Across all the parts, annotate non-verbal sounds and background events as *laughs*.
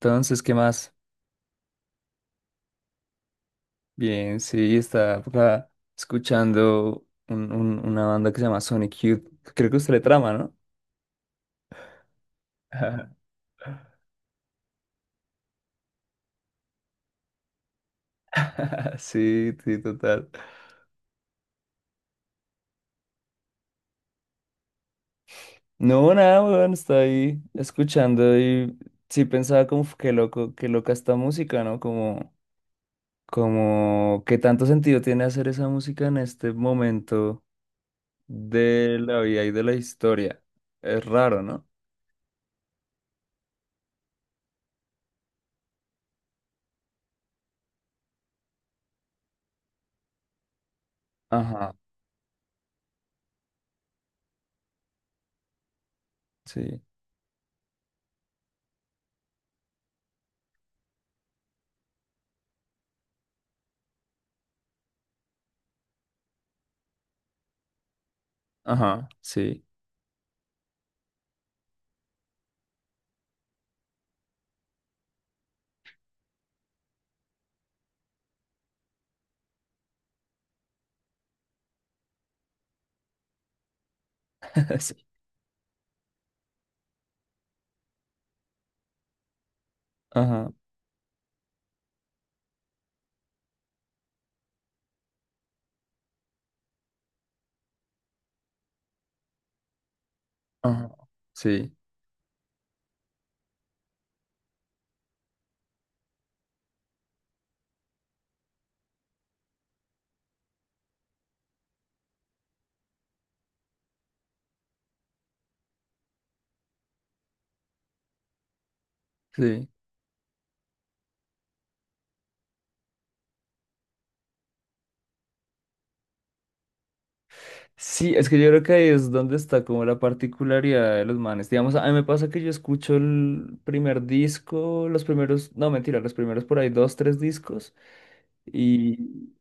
Entonces, ¿qué más? Bien, sí, estaba por acá escuchando una banda que se llama Sonic Youth. Creo que usted le trama, ¿no? Ajá. *laughs* Sí, sí, total. No, nada, weón, está ahí escuchando y sí pensaba como "Uf, qué loco, qué loca esta música, ¿no?" Como, como qué tanto sentido tiene hacer esa música en este momento de la vida y de la historia. Es raro, ¿no? Ajá, sí, ajá, sí, *laughs* sí, ajá. Ajá, sí, sí. Sí, es que yo creo que ahí es donde está como la particularidad de los manes. Digamos, a mí me pasa que yo escucho el primer disco, los primeros, no, mentira, los primeros por ahí dos, tres discos y,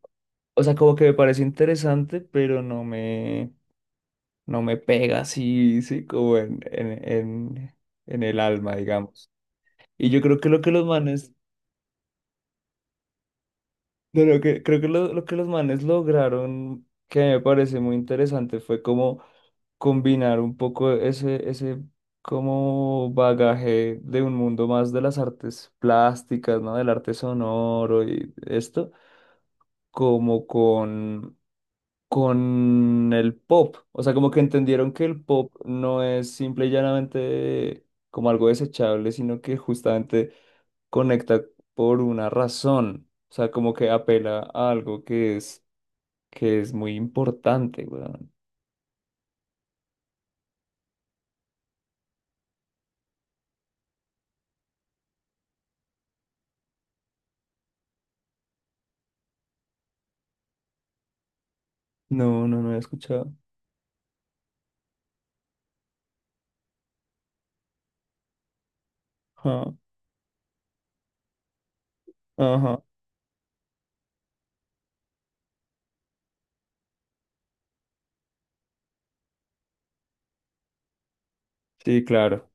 o sea, como que me parece interesante, pero no me pega así, sí, como en el alma, digamos. Y yo creo que lo que los manes, no, no, que, creo que lo que los manes lograron, que me parece muy interesante, fue como combinar un poco ese como bagaje de un mundo más de las artes plásticas, ¿no? Del arte sonoro y esto, como con, con el pop. O sea, como que entendieron que el pop no es simple y llanamente como algo desechable, sino que justamente conecta por una razón. O sea, como que apela a algo que es muy importante, weón. No, no, no he escuchado. Ajá, ajá. Sí, claro.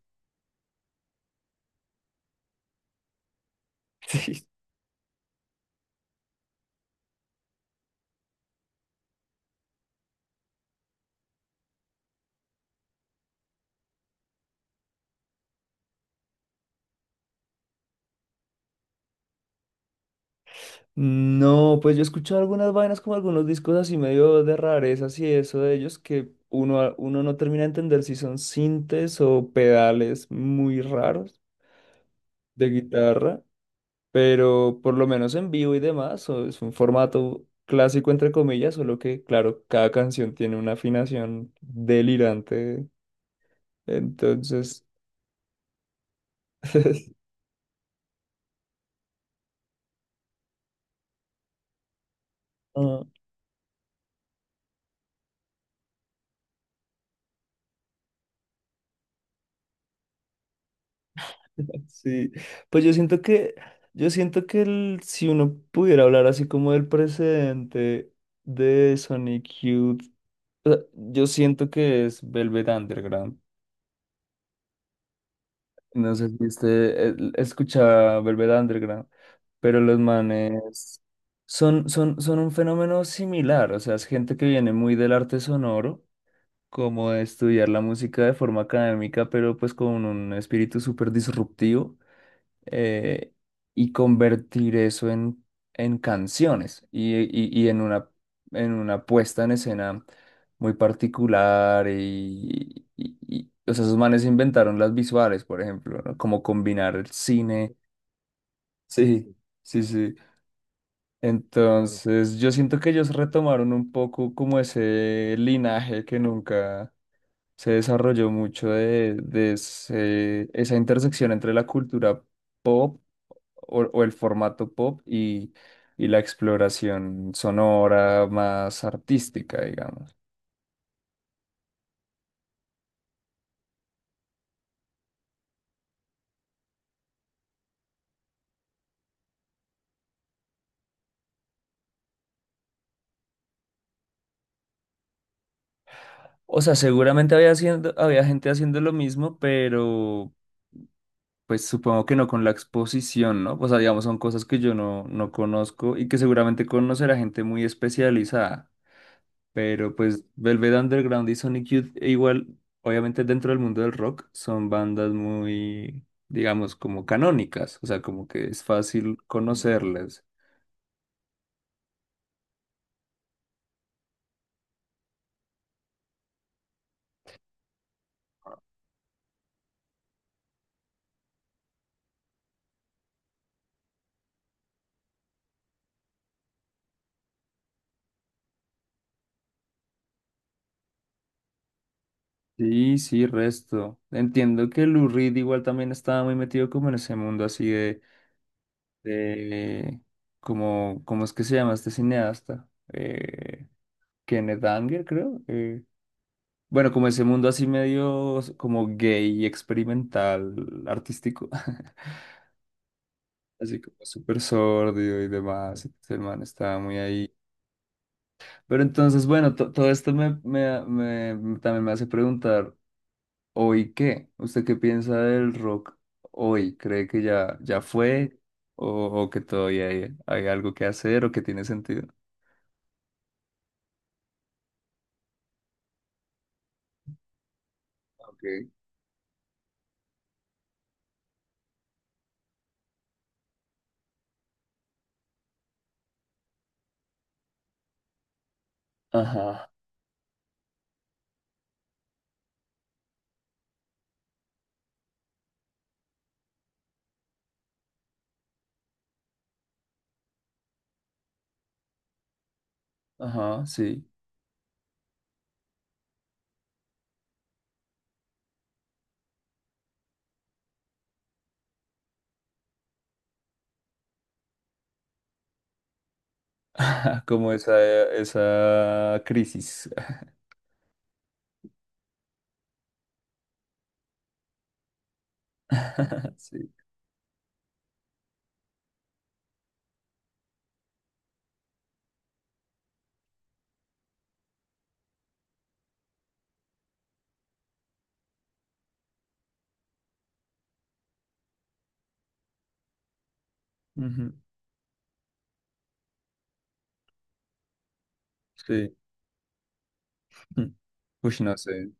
*laughs* Sí. No, pues yo he escuchado algunas vainas como algunos discos así medio de rarezas y eso de ellos que uno, uno no termina de entender si son sintes o pedales muy raros de guitarra, pero por lo menos en vivo y demás, o es un formato clásico entre comillas, solo que claro, cada canción tiene una afinación delirante, entonces... *laughs* *laughs* Sí, pues yo siento yo siento que si uno pudiera hablar así como del precedente de Sonic Youth, o sea, yo siento que es Velvet Underground. No sé si usted escuchaba Velvet Underground, pero los manes son un fenómeno similar, o sea, es gente que viene muy del arte sonoro, como de estudiar la música de forma académica, pero pues con un espíritu súper disruptivo. eh, y convertir eso en, en canciones y en una puesta en escena muy particular o sea, esos manes inventaron las visuales, por ejemplo, ¿no? Como combinar el cine. Sí, sí, sí. Entonces, yo siento que ellos retomaron un poco como ese linaje que nunca se desarrolló mucho de esa intersección entre la cultura pop o el formato pop y la exploración sonora más artística, digamos. O sea, seguramente había gente haciendo lo mismo, pero pues supongo que no con la exposición, ¿no? O sea, digamos, son cosas que yo no conozco y que seguramente conocerá gente muy especializada. Pero pues Velvet Underground y Sonic Youth, e igual, obviamente dentro del mundo del rock, son bandas muy, digamos, como canónicas, o sea, como que es fácil conocerles. Sí, sí, resto. Entiendo que Lou Reed igual también estaba muy metido como en ese mundo así de como, ¿cómo es que se llama este cineasta? Eh, Kenneth Anger, creo. Bueno, como ese mundo así medio como gay experimental, artístico. *laughs* Así como súper sordio y demás. Entonces el man estaba muy ahí. Pero entonces, bueno, todo esto también me hace preguntar. ¿Hoy qué? ¿Usted qué piensa del rock hoy? ¿Cree que ya, ya fue o que todavía hay, hay algo que hacer o que tiene sentido? Okay. Ajá, ajá, sí. *laughs* Como esa crisis. *laughs* Sí. Ujú, sí. Uy, no sé.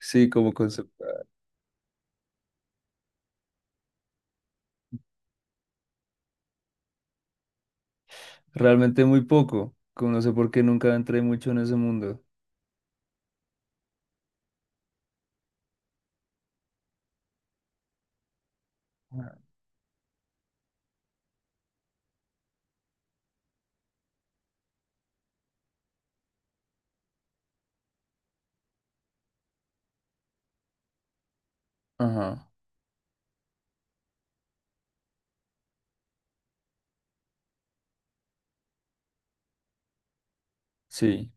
Sí, como concepto. Realmente muy poco. Como no sé por qué nunca entré mucho en ese mundo. Ajá, ajá, sí.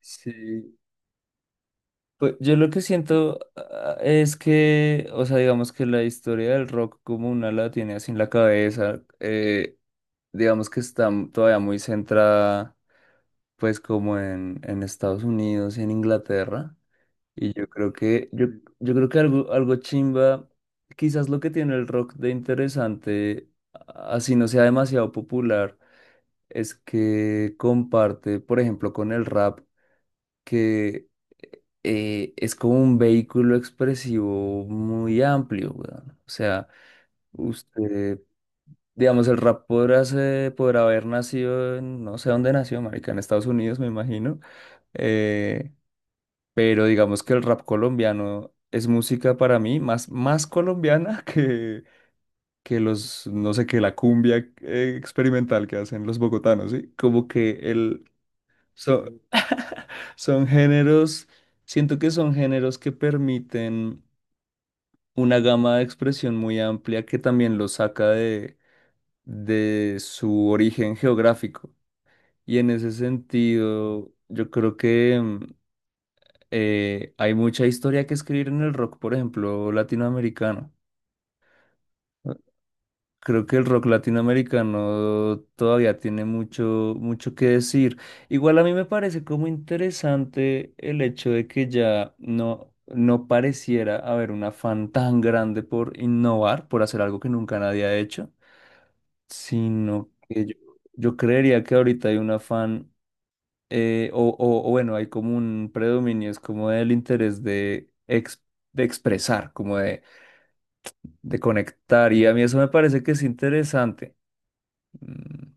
Sí. Pues yo lo que siento ah, es que, o sea, digamos que la historia del rock como una la tiene así en la cabeza, digamos que está todavía muy centrada pues como en Estados Unidos y en Inglaterra. Y yo creo yo creo que algo, algo chimba, quizás lo que tiene el rock de interesante, así no sea demasiado popular, es que comparte, por ejemplo, con el rap. Que Es como un vehículo expresivo muy amplio, weón. O sea, usted, digamos, el rap podrá, podrá haber nacido en, no sé dónde nació, marica, en Estados Unidos, me imagino. eh, pero digamos que el rap colombiano es música para mí más, más colombiana *laughs* que los, no sé, que la cumbia experimental que hacen los bogotanos, ¿sí? Como que el, son, son géneros, siento que son géneros que permiten una gama de expresión muy amplia que también lo saca de su origen geográfico. Y en ese sentido, yo creo que hay mucha historia que escribir en el rock, por ejemplo, latinoamericano. Creo que el rock latinoamericano todavía tiene mucho, mucho que decir. Igual a mí me parece como interesante el hecho de que ya no, no pareciera haber un afán tan grande por innovar, por hacer algo que nunca nadie ha hecho, sino que yo creería que ahorita hay un afán, o bueno, hay como un predominio, es como el interés de expresar, como de conectar, y a mí eso me parece que es interesante. Mm,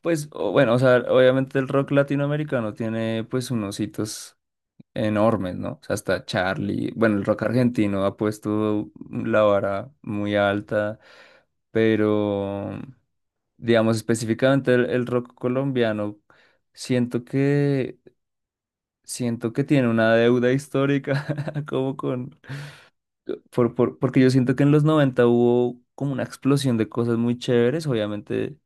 pues bueno, o sea, obviamente el rock latinoamericano tiene pues unos hitos enormes, ¿no? O sea, hasta Charlie, bueno, el rock argentino ha puesto la vara muy alta, pero, digamos, específicamente el rock colombiano, siento que, siento que tiene una deuda histórica, *laughs* como con, porque yo siento que en los 90 hubo como una explosión de cosas muy chéveres, obviamente.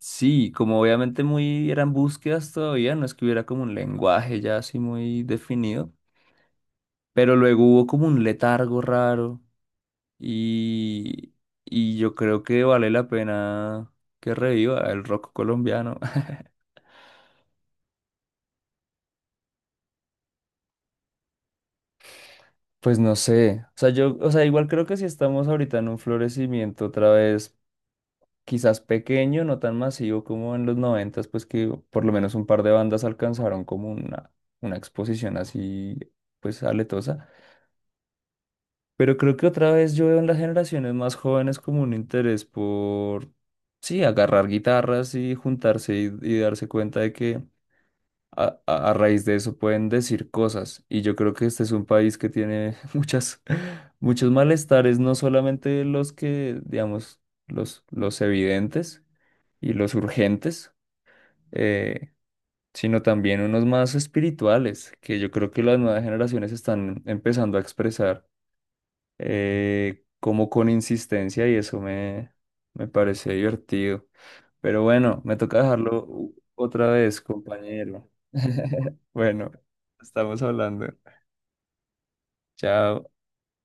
Sí, como obviamente muy eran búsquedas todavía, no es que hubiera como un lenguaje ya así muy definido. Pero luego hubo como un letargo raro y, y yo creo que vale la pena que reviva el rock colombiano. *laughs* Pues no sé, o sea, yo, o sea, igual creo que si estamos ahorita en un florecimiento otra vez, quizás pequeño, no tan masivo como en los noventas, pues que por lo menos un par de bandas alcanzaron como una exposición así, pues aletosa. Pero creo que otra vez yo veo en las generaciones más jóvenes como un interés por, sí, agarrar guitarras y juntarse y darse cuenta de que a raíz de eso pueden decir cosas. Y yo creo que este es un país que tiene *laughs* muchas, muchos malestares, no solamente los que, digamos, los evidentes y los urgentes, eh, sino también unos más espirituales, que yo creo que las nuevas generaciones están empezando a expresar como con insistencia y eso me parece divertido. Pero bueno, me toca dejarlo otra vez, compañero. *laughs* Bueno, estamos hablando. Chao.